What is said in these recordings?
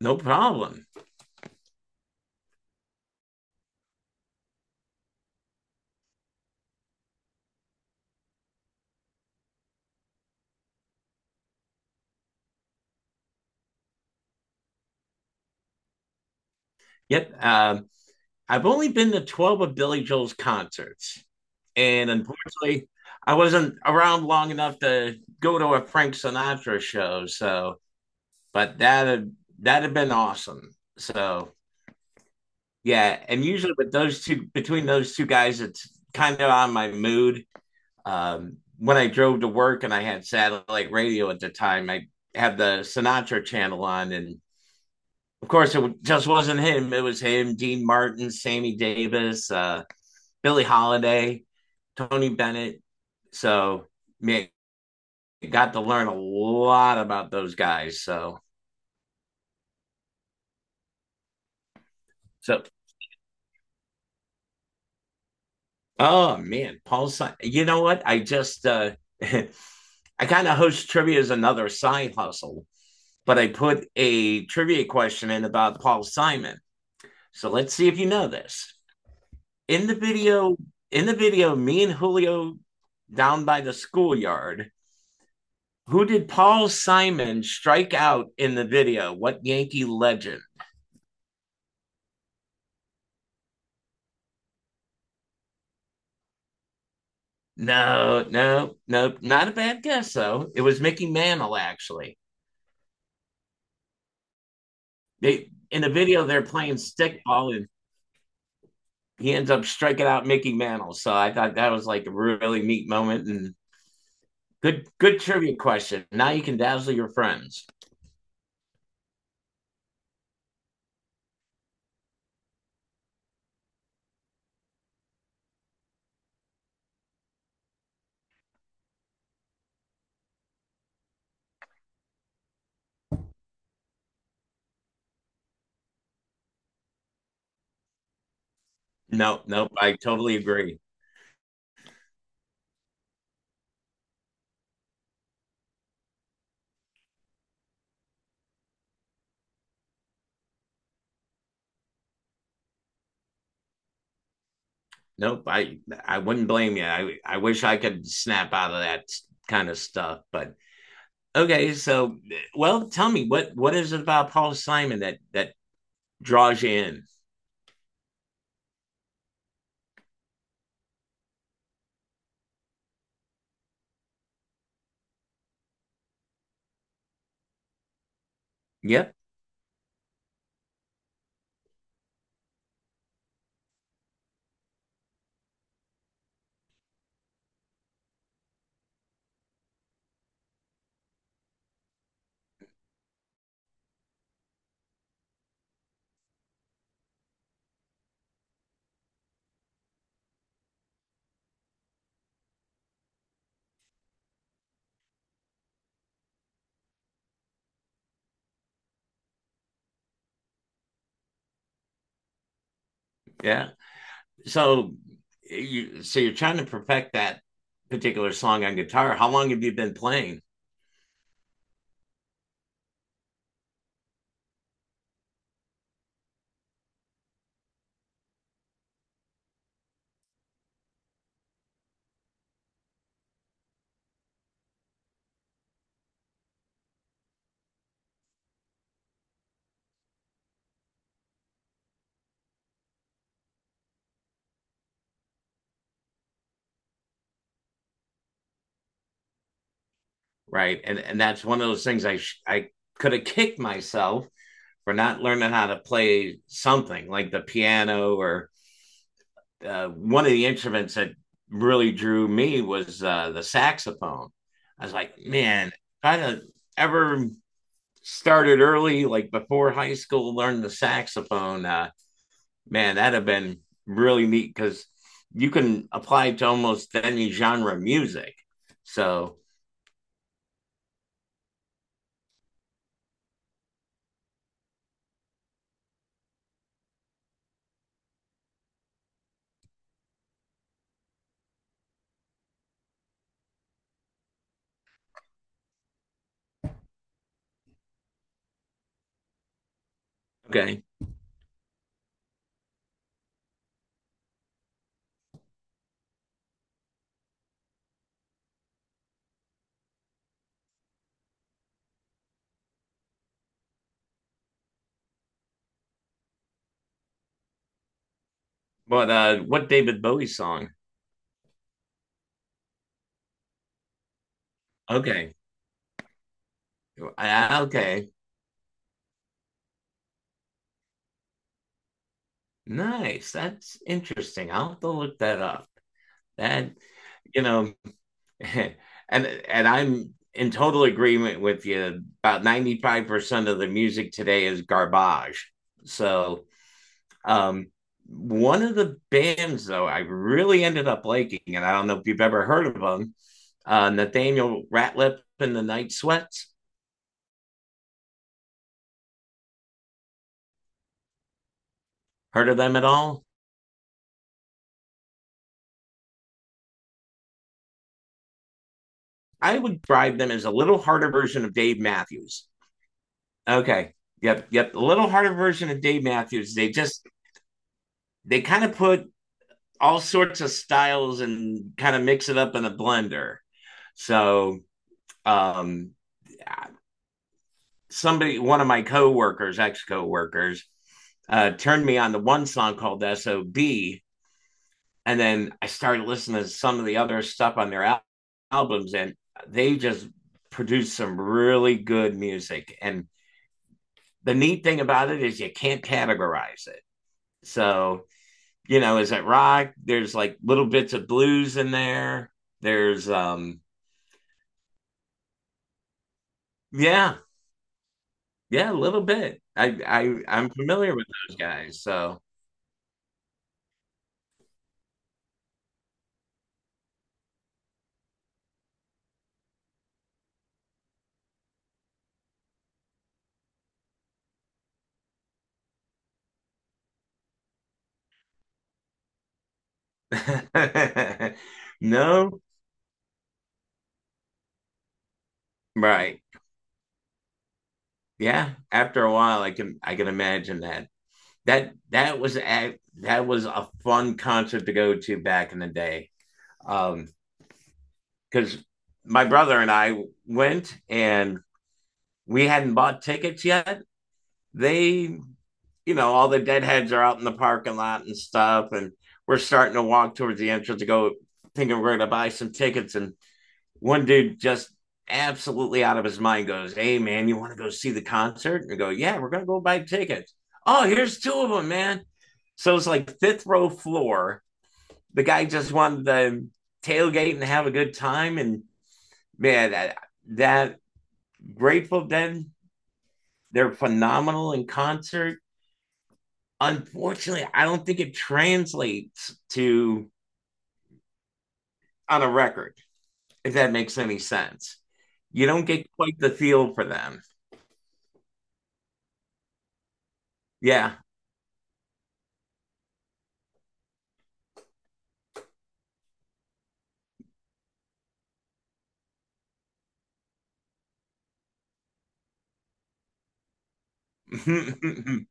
No problem. Yep. I've only been to 12 of Billy Joel's concerts. And unfortunately, I wasn't around long enough to go to a Frank Sinatra show. So, but that had, that had been awesome. So, yeah. And usually with those two, between those two guys, it's kind of on my mood. When I drove to work and I had satellite radio at the time, I had the Sinatra channel on and of course, it just wasn't him. It was him, Dean Martin, Sammy Davis, Billie Holiday, Tony Bennett. So, man, got to learn a lot about those guys. So, so oh man, Paul Simon. You know what? I just I kind of host trivia as another side hustle, but I put a trivia question in about Paul Simon. So let's see if you know this. In the video, in the video, me and Julio down by the schoolyard. Who did Paul Simon strike out in the video? What Yankee legend? No, no, no. Not a bad guess, though. It was Mickey Mantle, actually. They, in the video they're playing stickball and he ends up striking out Mickey Mantle. So I thought that was like a really neat moment and good trivia question. Now you can dazzle your friends. No, nope. I totally agree. Nope, I wouldn't blame you. I wish I could snap out of that kind of stuff, but okay. So, well, tell me what is it about Paul Simon that draws you in? Yep, yeah. So you so you're trying to perfect that particular song on guitar. How long have you been playing? Right, and that's one of those things I could have kicked myself for not learning how to play something like the piano or one of the instruments that really drew me was the saxophone. I was like, man, kind of ever started early, like before high school, learned the saxophone. Man, that'd have been really neat because you can apply it to almost any genre of music. So okay, but what David Bowie song? Okay, okay, nice. That's interesting. I'll have to look that up. That, you know, and and I'm in total agreement with you. About 95% of the music today is garbage. So, um, one of the bands though I really ended up liking, and I don't know if you've ever heard of them, Nathaniel Ratliff and the Night Sweats. Heard of them at all? I would describe them as a little harder version of Dave Matthews. Okay, yep, yep, a little harder version of Dave Matthews. They just they kind of put all sorts of styles and kind of mix it up in a blender. So, um, one of my coworkers, ex coworkers, turned me on to one song called "Sob," and then I started listening to some of the other stuff on their albums, and they just produced some really good music. And the neat thing about it is you can't categorize it. So you know, is it rock? There's like little bits of blues in there. There's yeah, yeah, a little bit. I'm familiar with those guys, so no, right. Yeah, after a while I can imagine that. That was a fun concert to go to back in the day. Um Cuz my brother and I went and we hadn't bought tickets yet. They, you know, all the deadheads are out in the parking lot and stuff. And we're starting to walk towards the entrance to go thinking we're going to buy some tickets. And one dude just absolutely out of his mind goes, hey, man, you want to go see the concert? And I go, yeah, we're going to go buy tickets. Oh, here's two of them, man. So it's like fifth row floor. The guy just wanted to tailgate and have a good time. And man, that Grateful Dead, they're phenomenal in concert. Unfortunately, I don't think it translates to on a record, if that makes any sense. You don't get quite the feel for them. Yeah.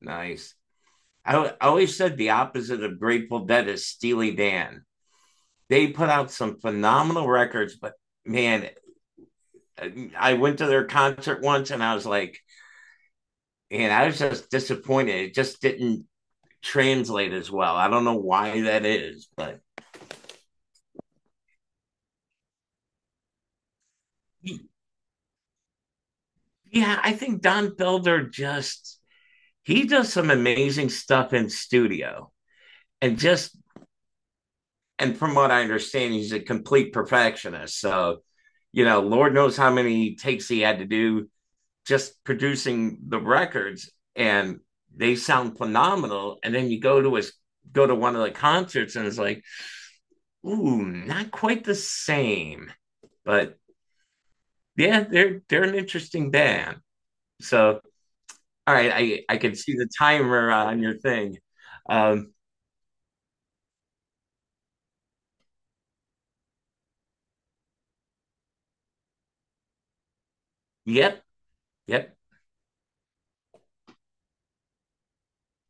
Nice. I always said the opposite of Grateful Dead is Steely Dan. They put out some phenomenal records, but man, I went to their concert once and I was like, and I was just disappointed. It just didn't translate as well. I don't know why that is, but yeah, I think Don Felder just he does some amazing stuff in studio and just and from what I understand, he's a complete perfectionist. So, you know, Lord knows how many takes he had to do just producing the records and they sound phenomenal. And then you go to his go to one of the concerts and it's like, ooh, not quite the same. But yeah, they're an interesting band. So all right, I can see the timer on your thing. Um, yep, yep.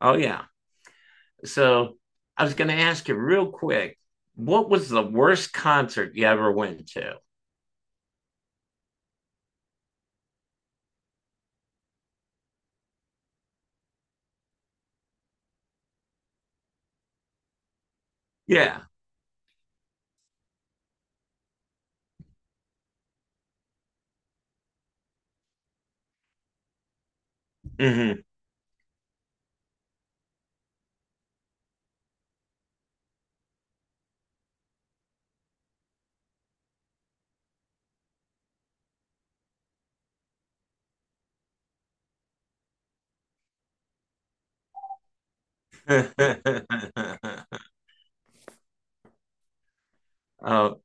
Oh yeah. So I was going to ask you real quick, what was the worst concert you ever went to? Yeah. Mm-hmm. oh,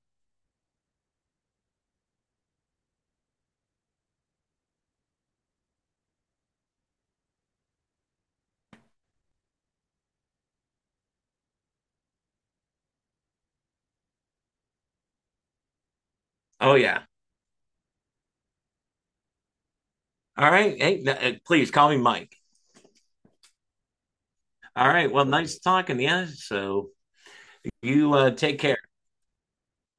oh, yeah. All right. Hey, please call me Mike. All right. Well, nice talking to you. So you take care.